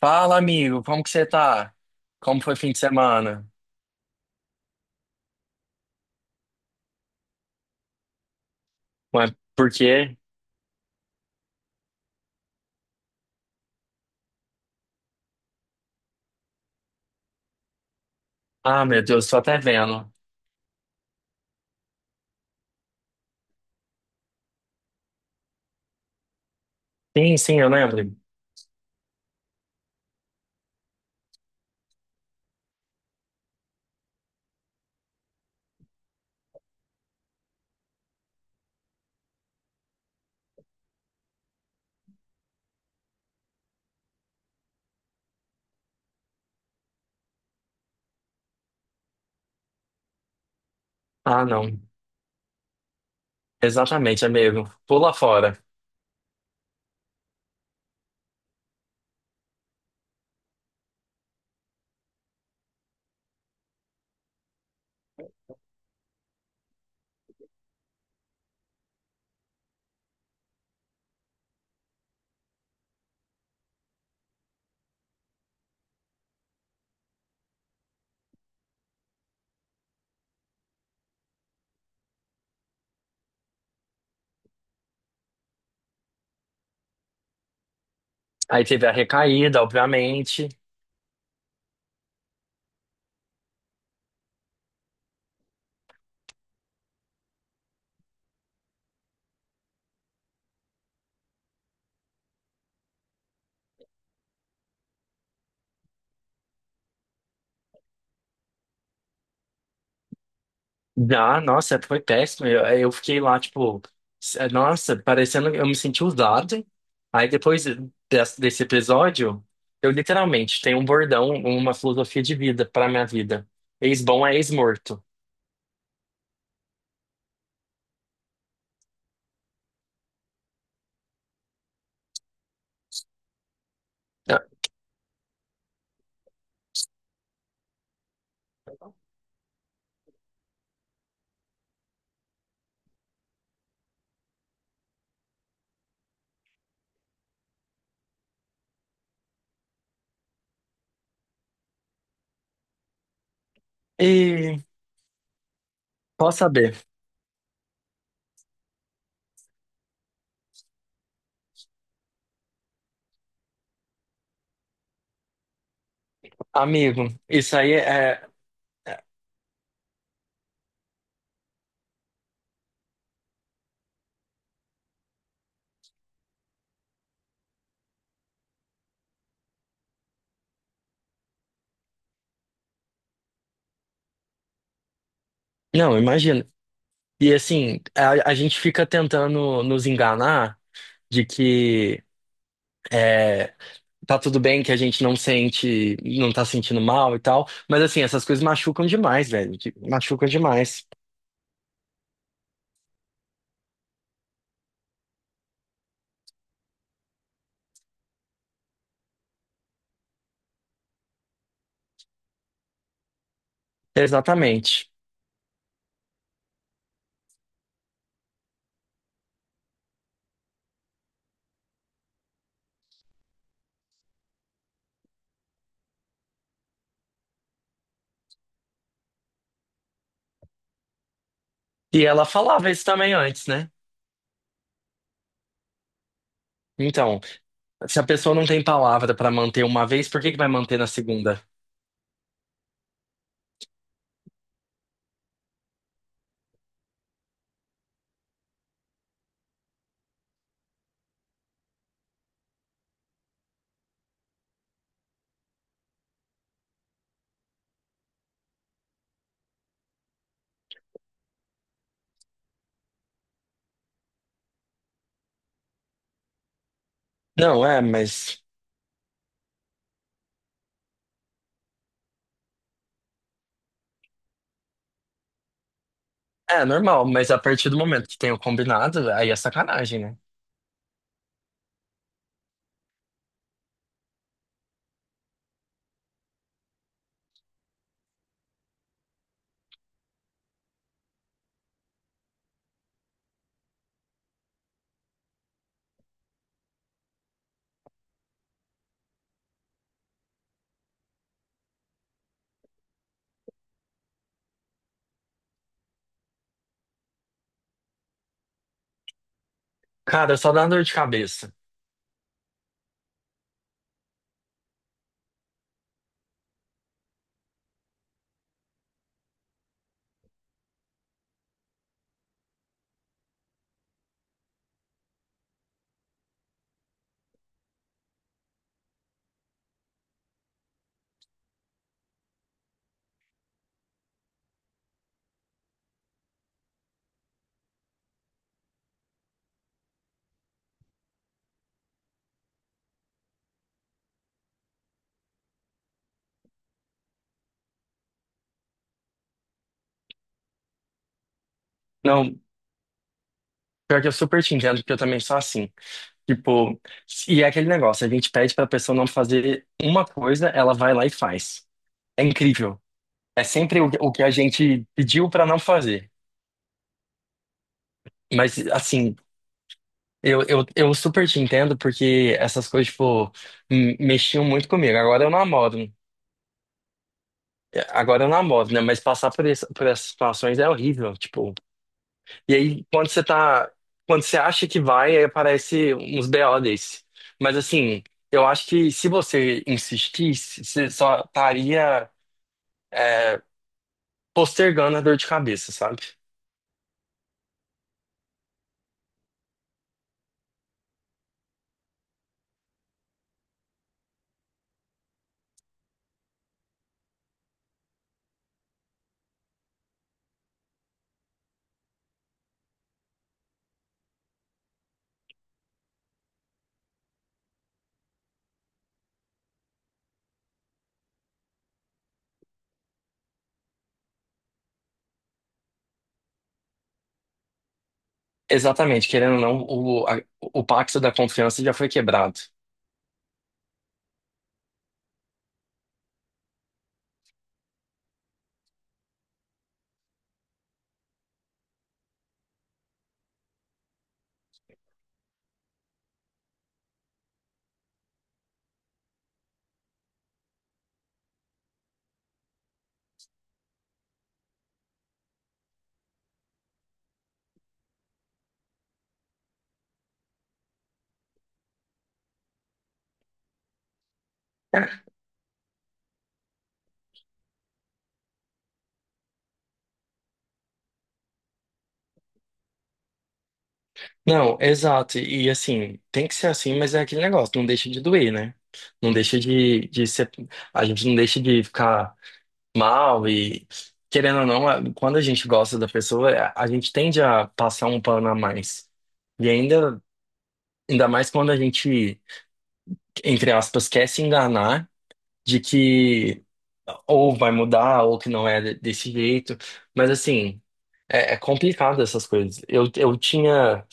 Fala, amigo, como que você tá? Como foi o fim de semana? Ué, por quê? Ah, meu Deus, tô até vendo. Sim, sim, eu lembro. Ah, não. Exatamente, amigo. Pula fora. Aí teve a recaída, obviamente. Ah, nossa, foi péssimo. Eu fiquei lá, tipo, nossa, parecendo que eu me senti usado. Aí depois desse episódio, eu literalmente tenho um bordão, uma filosofia de vida pra minha vida. Ex-bom é ex-morto. Ah, e posso saber? Amigo, isso aí é. é- Não, imagina. E assim, a gente fica tentando nos enganar de que é, tá tudo bem, que a gente não sente, não tá sentindo mal e tal. Mas assim, essas coisas machucam demais, velho. Machucam demais. Exatamente. E ela falava isso também antes, né? Então. Se a pessoa não tem palavra pra manter uma vez, por que que vai manter na segunda? Não, é, mas. É normal, mas a partir do momento que tem o combinado, aí é sacanagem, né? Cara, só dá dor de cabeça. Não, pior que eu super te entendo, porque eu também sou assim. Tipo, e é aquele negócio, a gente pede pra pessoa não fazer uma coisa, ela vai lá e faz. É incrível. É sempre o que a gente pediu pra não fazer. Mas, assim, eu super te entendo porque essas coisas, tipo, mexiam muito comigo. Agora eu namoro. Agora eu namoro, né? Mas passar por, por essas situações é horrível, tipo. E aí, quando você tá. Quando você acha que vai, aí aparece uns BO desse. Mas, assim, eu acho que se você insistisse, você só estaria, é, postergando a dor de cabeça, sabe? Exatamente, querendo ou não, o pacto da confiança já foi quebrado. Não, exato. E assim, tem que ser assim, mas é aquele negócio, não deixa de doer, né? Não deixa de ser. A gente não deixa de ficar. Mal e querendo ou não, quando a gente gosta da pessoa, a gente tende a passar um pano a mais. E ainda, ainda mais quando a gente, entre aspas, quer se enganar de que ou vai mudar ou que não é desse jeito. Mas assim, é complicado essas coisas. Eu tinha,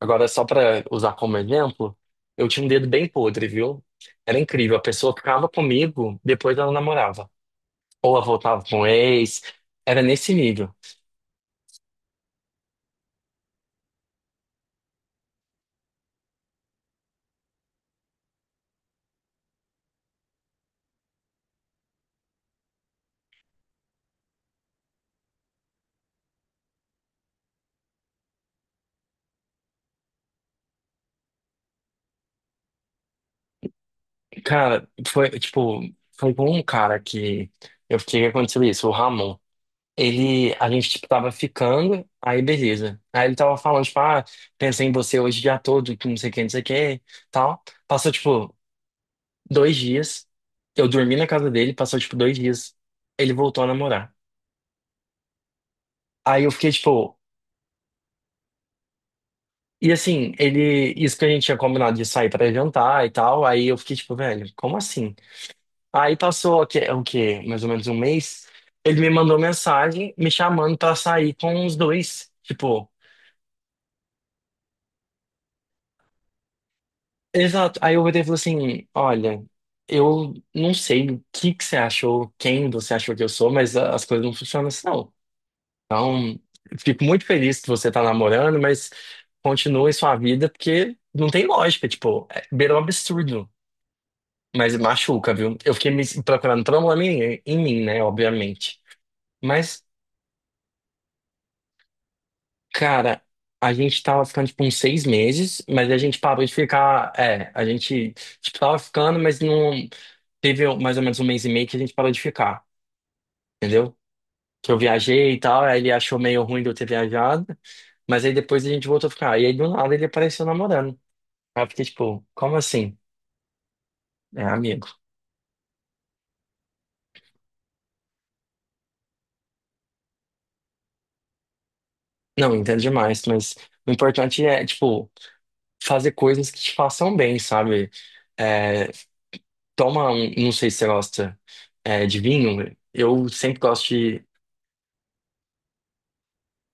agora só para usar como exemplo, eu tinha um dedo bem podre, viu? Era incrível. A pessoa ficava comigo, depois ela namorava. Ou ela voltava com o ex. Era nesse nível. Cara, foi, tipo, foi com um cara que eu fiquei que aconteceu isso, o Ramon. Ele, a gente, tipo, tava ficando, aí beleza. Aí ele tava falando, tipo, ah, pensei em você hoje o dia todo, que não sei o que, não sei o que, tal. Passou, tipo, dois dias. Eu dormi na casa dele, passou, tipo, dois dias. Ele voltou a namorar. Aí eu fiquei, tipo, e assim, ele, isso que a gente tinha combinado de sair pra jantar e tal. Aí eu fiquei, tipo, velho, como assim? Aí passou o quê? É o quê? Mais ou menos um mês. Ele me mandou mensagem me chamando pra sair com os dois. Tipo, exato. Aí eu voltei e falei assim: Olha, eu não sei o que que você achou, quem você achou que eu sou, mas as coisas não funcionam assim, não. Então, fico muito feliz que você tá namorando, mas continue sua vida, porque não tem lógica. Tipo, é, beira um absurdo. Mas machuca, viu? Eu fiquei me procurando problema em mim, né? Obviamente. Mas. Cara, a gente tava ficando tipo uns seis meses, mas a gente parou de ficar. É, a gente tipo, tava ficando, mas não teve mais ou menos um mês e meio que a gente parou de ficar, entendeu? Que eu viajei e tal, aí ele achou meio ruim de eu ter viajado, mas aí depois a gente voltou a ficar. E aí do nada ele apareceu namorando. Aí eu fiquei tipo, como assim? É amigo. Não, entendo demais, mas o importante é, tipo, fazer coisas que te façam bem, sabe? É, toma um, não sei se você gosta de vinho, eu sempre gosto de,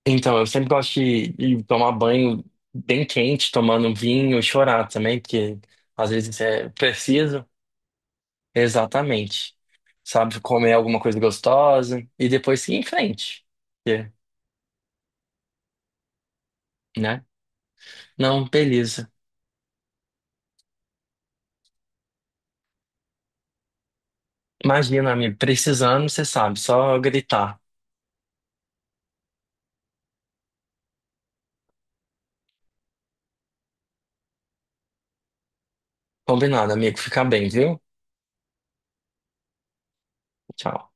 então, eu sempre gosto de tomar banho bem quente, tomando um vinho, e chorar também, porque às vezes é preciso, exatamente, sabe, comer alguma coisa gostosa e depois seguir em frente, porque, né? Não, beleza. Imagina, amigo, precisando, você sabe, só gritar. Combinado, amigo, fica bem, viu? Tchau.